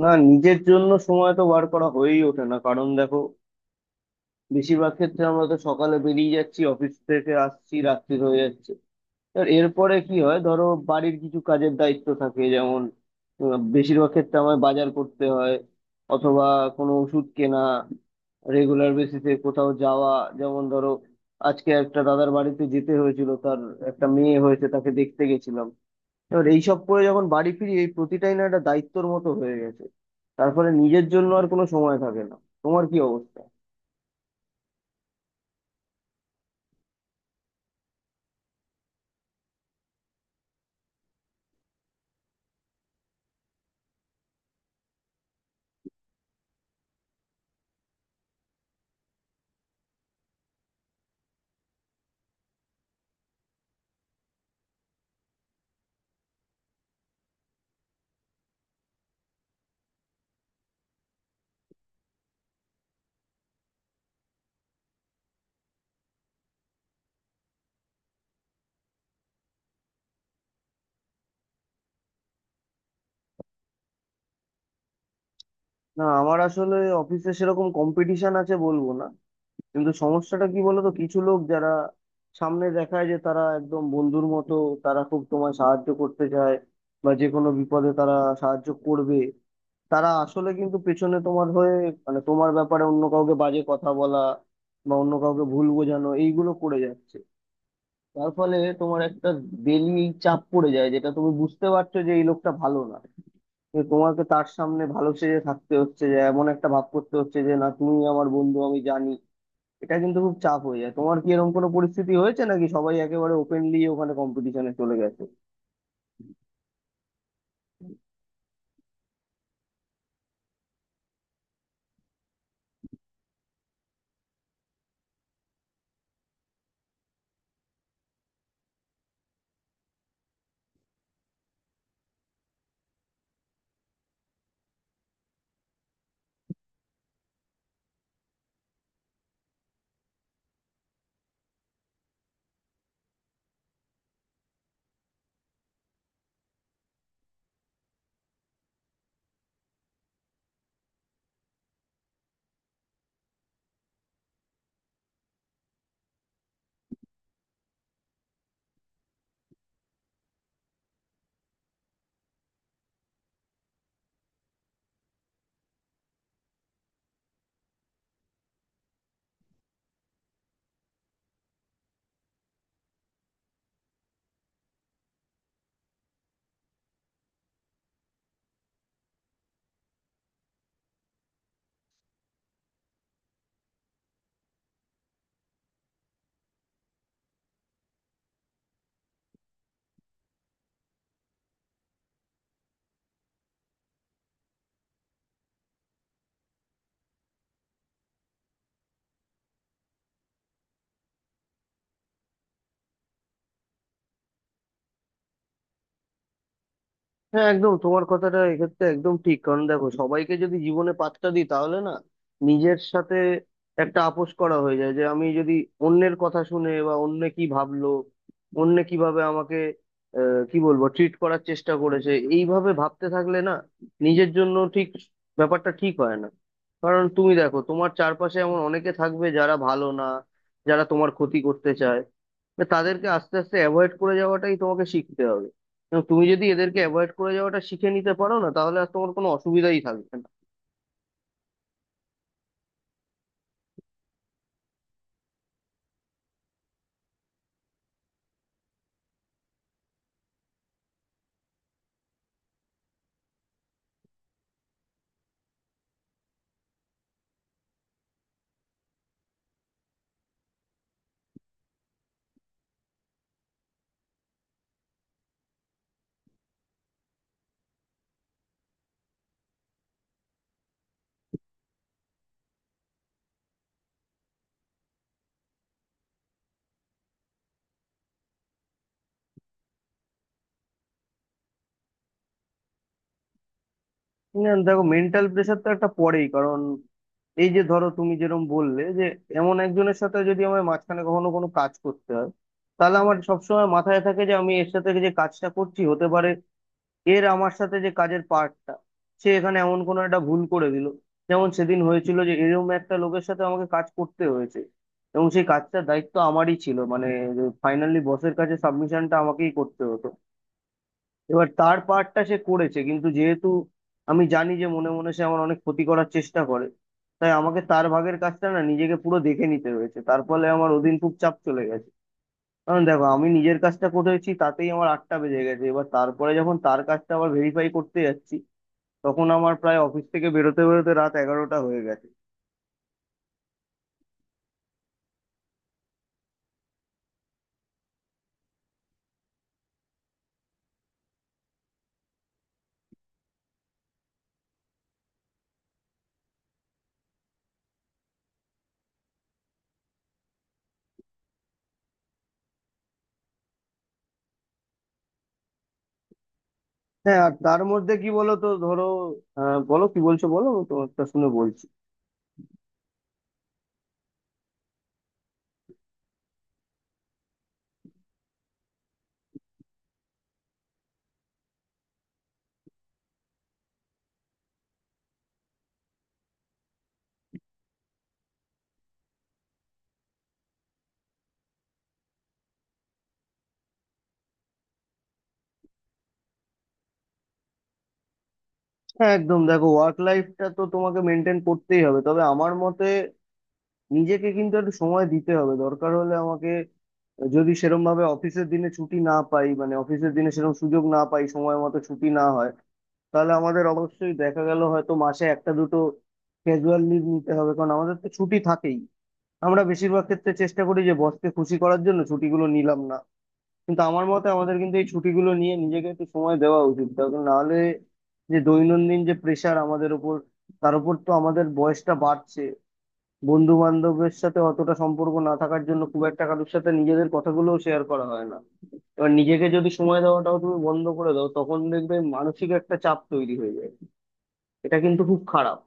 না, নিজের জন্য সময় তো বার করা হয়েই ওঠে না। কারণ দেখো, বেশিরভাগ ক্ষেত্রে আমরা তো সকালে বেরিয়ে যাচ্ছি, অফিস থেকে আসছি রাত্রি হয়ে যাচ্ছে। আর এরপরে কি হয় ধরো, বাড়ির কিছু কাজের দায়িত্ব থাকে। যেমন বেশিরভাগ ক্ষেত্রে আমায় বাজার করতে হয়, অথবা কোনো ওষুধ কেনা, রেগুলার বেসিসে কোথাও যাওয়া। যেমন ধরো, আজকে একটা দাদার বাড়িতে যেতে হয়েছিল, তার একটা মেয়ে হয়েছে, তাকে দেখতে গেছিলাম। এবার এইসব করে যখন বাড়ি ফিরি, এই প্রতিটাই না একটা দায়িত্বর মতো হয়ে গেছে। তারপরে নিজের জন্য আর কোনো সময় থাকে না। তোমার কি অবস্থা? না, আমার আসলে অফিসে সেরকম কম্পিটিশন আছে বলবো না, কিন্তু সমস্যাটা কি বলতো, কিছু লোক যারা সামনে দেখায় যে তারা একদম বন্ধুর মতো, তারা খুব তোমায় সাহায্য করতে চায় বা যে কোনো বিপদে তারা সাহায্য করবে, তারা আসলে কিন্তু পেছনে তোমার হয়ে, মানে তোমার ব্যাপারে অন্য কাউকে বাজে কথা বলা বা অন্য কাউকে ভুল বোঝানো এইগুলো করে যাচ্ছে। তার ফলে তোমার একটা বেলি চাপ পড়ে যায়, যেটা তুমি বুঝতে পারছো যে এই লোকটা ভালো না, যে তোমাকে তার সামনে ভালো সেজে থাকতে হচ্ছে, যে এমন একটা ভাব করতে হচ্ছে যে না তুমি আমার বন্ধু আমি জানি। এটা কিন্তু খুব চাপ হয়ে যায়। তোমার কি এরকম কোনো পরিস্থিতি হয়েছে নাকি সবাই একেবারে ওপেনলি ওখানে কম্পিটিশনে চলে গেছে? হ্যাঁ একদম, তোমার কথাটা এক্ষেত্রে একদম ঠিক। কারণ দেখো, সবাইকে যদি জীবনে পাত্তা দিই তাহলে না নিজের সাথে একটা আপোষ করা হয়ে যায়। যে আমি যদি অন্যের কথা শুনে বা অন্য কি ভাবলো, অন্য কিভাবে আমাকে আহ, কি বলবো ট্রিট করার চেষ্টা করেছে, এইভাবে ভাবতে থাকলে না নিজের জন্য ঠিক ব্যাপারটা ঠিক হয় না। কারণ তুমি দেখো, তোমার চারপাশে এমন অনেকে থাকবে যারা ভালো না, যারা তোমার ক্ষতি করতে চায়। না, তাদেরকে আস্তে আস্তে অ্যাভয়েড করে যাওয়াটাই তোমাকে শিখতে হবে। এবং তুমি যদি এদেরকে অ্যাভয়েড করে যাওয়াটা শিখে নিতে পারো, না তাহলে আর তোমার কোনো অসুবিধাই থাকবে না। না, দেখো, মেন্টাল প্রেশার তো একটা পড়েই। কারণ এই যে ধরো তুমি যেরকম বললে, যে এমন একজনের সাথে যদি আমার মাঝখানে কখনো কোনো কাজ করতে হয়, তাহলে আমার সবসময় মাথায় থাকে যে আমি এর সাথে যে কাজটা করছি, হতে পারে এর আমার সাথে যে কাজের পার্টটা সে এখানে এমন কোনো একটা ভুল করে দিল। যেমন সেদিন হয়েছিল, যে এরকম একটা লোকের সাথে আমাকে কাজ করতে হয়েছে এবং সেই কাজটার দায়িত্ব আমারই ছিল, মানে ফাইনালি বসের কাছে সাবমিশনটা আমাকেই করতে হতো। এবার তার পার্টটা সে করেছে, কিন্তু যেহেতু আমি জানি যে মনে মনে সে আমার অনেক ক্ষতি করার চেষ্টা করে, তাই আমাকে তার ভাগের কাজটা না নিজেকে পুরো দেখে নিতে হয়েছে। তার ফলে আমার ওদিন খুব চাপ চলে গেছে। কারণ দেখো, আমি নিজের কাজটা করেছি, তাতেই আমার আটটা বেজে গেছে। এবার তারপরে যখন তার কাজটা আবার ভেরিফাই করতে যাচ্ছি, তখন আমার প্রায় অফিস থেকে বেরোতে বেরোতে রাত এগারোটা হয়ে গেছে। হ্যাঁ, আর তার মধ্যে কি বলো তো ধরো, বলো, কি বলছো বলো তো, একটা শুনে বলছি। হ্যাঁ একদম, দেখো ওয়ার্ক লাইফটা তো তোমাকে মেনটেন করতেই হবে, তবে আমার মতে নিজেকে কিন্তু একটু সময় দিতে হবে। দরকার হলে আমাকে, যদি সেরম ভাবে অফিসের দিনে ছুটি না পাই, মানে অফিসের দিনে সেরকম সুযোগ না পাই, সময় মতো ছুটি না হয়, তাহলে আমাদের অবশ্যই দেখা গেল হয়তো মাসে একটা দুটো ক্যাজুয়াল লিভ নিতে হবে। কারণ আমাদের তো ছুটি থাকেই। আমরা বেশিরভাগ ক্ষেত্রে চেষ্টা করি যে বসকে খুশি করার জন্য ছুটিগুলো নিলাম না, কিন্তু আমার মতে আমাদের কিন্তু এই ছুটিগুলো নিয়ে নিজেকে একটু সময় দেওয়া উচিত। তার কারণ, নাহলে যে দৈনন্দিন যে প্রেশার আমাদের উপর, তার উপর তো আমাদের বয়সটা বাড়ছে। বন্ধু বান্ধবের সাথে অতটা সম্পর্ক না থাকার জন্য খুব একটা কারোর সাথে নিজেদের কথাগুলোও শেয়ার করা হয় না। এবার নিজেকে যদি সময় দেওয়াটাও তুমি বন্ধ করে দাও, তখন দেখবে মানসিক একটা চাপ তৈরি হয়ে যায়। এটা কিন্তু খুব খারাপ।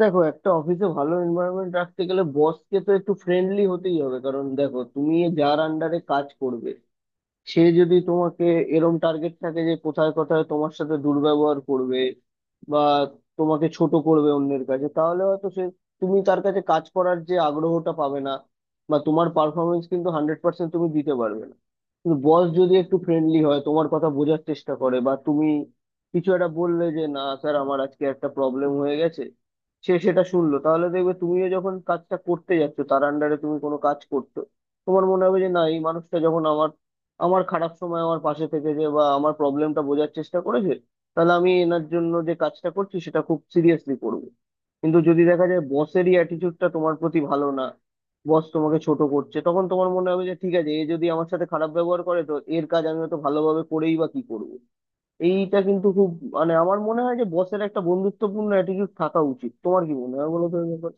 দেখো, একটা অফিসে ভালো এনভায়রনমেন্ট রাখতে গেলে বসকে তো একটু ফ্রেন্ডলি হতেই হবে। কারণ দেখো, তুমি যার আন্ডারে কাজ করবে, সে যদি তোমাকে, এরম টার্গেট থাকে যে কোথায় কোথায় তোমার সাথে দুর্ব্যবহার করবে বা তোমাকে ছোট করবে অন্যের কাছে, তাহলে হয়তো সে, তুমি তার কাছে কাজ করার যে আগ্রহটা পাবে না, বা তোমার পারফরমেন্স কিন্তু 100% তুমি দিতে পারবে না। কিন্তু বস যদি একটু ফ্রেন্ডলি হয়, তোমার কথা বোঝার চেষ্টা করে, বা তুমি কিছু একটা বললে যে না স্যার আমার আজকে একটা প্রবলেম হয়ে গেছে, সে সেটা শুনলো, তাহলে দেখবে তুমিও যখন কাজটা করতে যাচ্ছ, তার আন্ডারে তুমি কোনো কাজ করছো, তোমার মনে হবে যে না, এই মানুষটা যখন আমার আমার খারাপ সময় আমার পাশে থেকে, যে বা আমার প্রবলেমটা বোঝার চেষ্টা করেছে, তাহলে আমি এনার জন্য যে কাজটা করছি সেটা খুব সিরিয়াসলি করবো। কিন্তু যদি দেখা যায় বসেরই অ্যাটিটিউডটা তোমার প্রতি ভালো না, বস তোমাকে ছোট করছে, তখন তোমার মনে হবে যে ঠিক আছে, এ যদি আমার সাথে খারাপ ব্যবহার করে তো এর কাজ আমি হয়তো ভালোভাবে করেই বা কি করবো। এইটা কিন্তু খুব, মানে আমার মনে হয় যে বসের একটা বন্ধুত্বপূর্ণ অ্যাটিটিউড থাকা উচিত। তোমার কি মনে হয় বলো তো এই ব্যাপারে?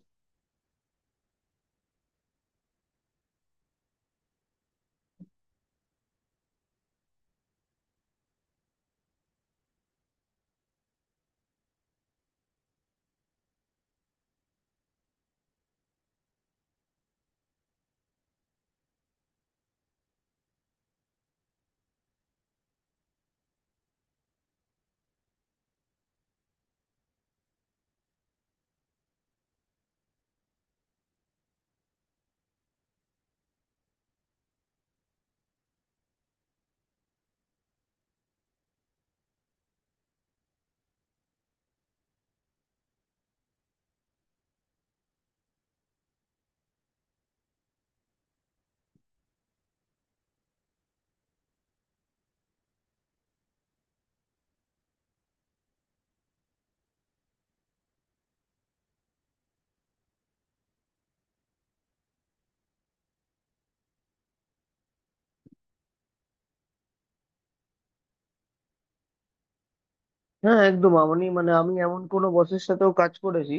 হ্যাঁ একদম, আমি মানে আমি এমন কোনো বসের সাথেও কাজ করেছি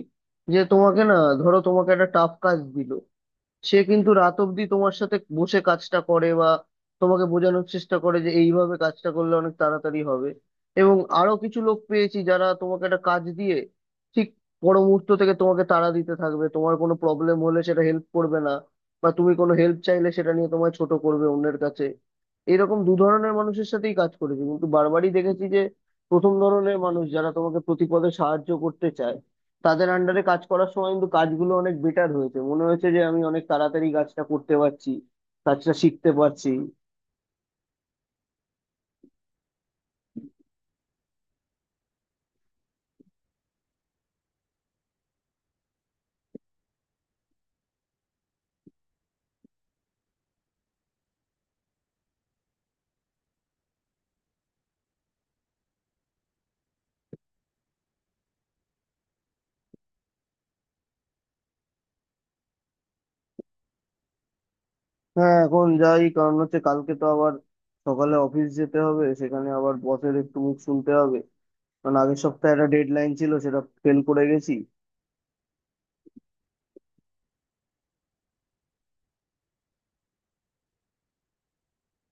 যে তোমাকে না, ধরো তোমাকে একটা টাফ কাজ দিল, সে কিন্তু রাত অব্দি তোমার সাথে বসে কাজটা করে বা তোমাকে বোঝানোর চেষ্টা করে যে এইভাবে কাজটা করলে অনেক তাড়াতাড়ি হবে। এবং আরো কিছু লোক পেয়েছি যারা তোমাকে একটা কাজ দিয়ে ঠিক পর মুহূর্ত থেকে তোমাকে তাড়া দিতে থাকবে, তোমার কোনো প্রবলেম হলে সেটা হেল্প করবে না বা তুমি কোনো হেল্প চাইলে সেটা নিয়ে তোমায় ছোট করবে অন্যের কাছে। এরকম দু ধরনের মানুষের সাথেই কাজ করেছি, কিন্তু বারবারই দেখেছি যে প্রথম ধরনের মানুষ যারা তোমাকে প্রতিপদে সাহায্য করতে চায়, তাদের আন্ডারে কাজ করার সময় কিন্তু কাজগুলো অনেক বেটার হয়েছে, মনে হয়েছে যে আমি অনেক তাড়াতাড়ি কাজটা করতে পারছি, কাজটা শিখতে পারছি। হ্যাঁ, এখন যাই, কারণ হচ্ছে কালকে তো আবার সকালে অফিস যেতে হবে, সেখানে আবার বসের একটু মুখ শুনতে হবে কারণ আগের সপ্তাহে একটা ডেডলাইন ছিল সেটা ফেল করে গেছি।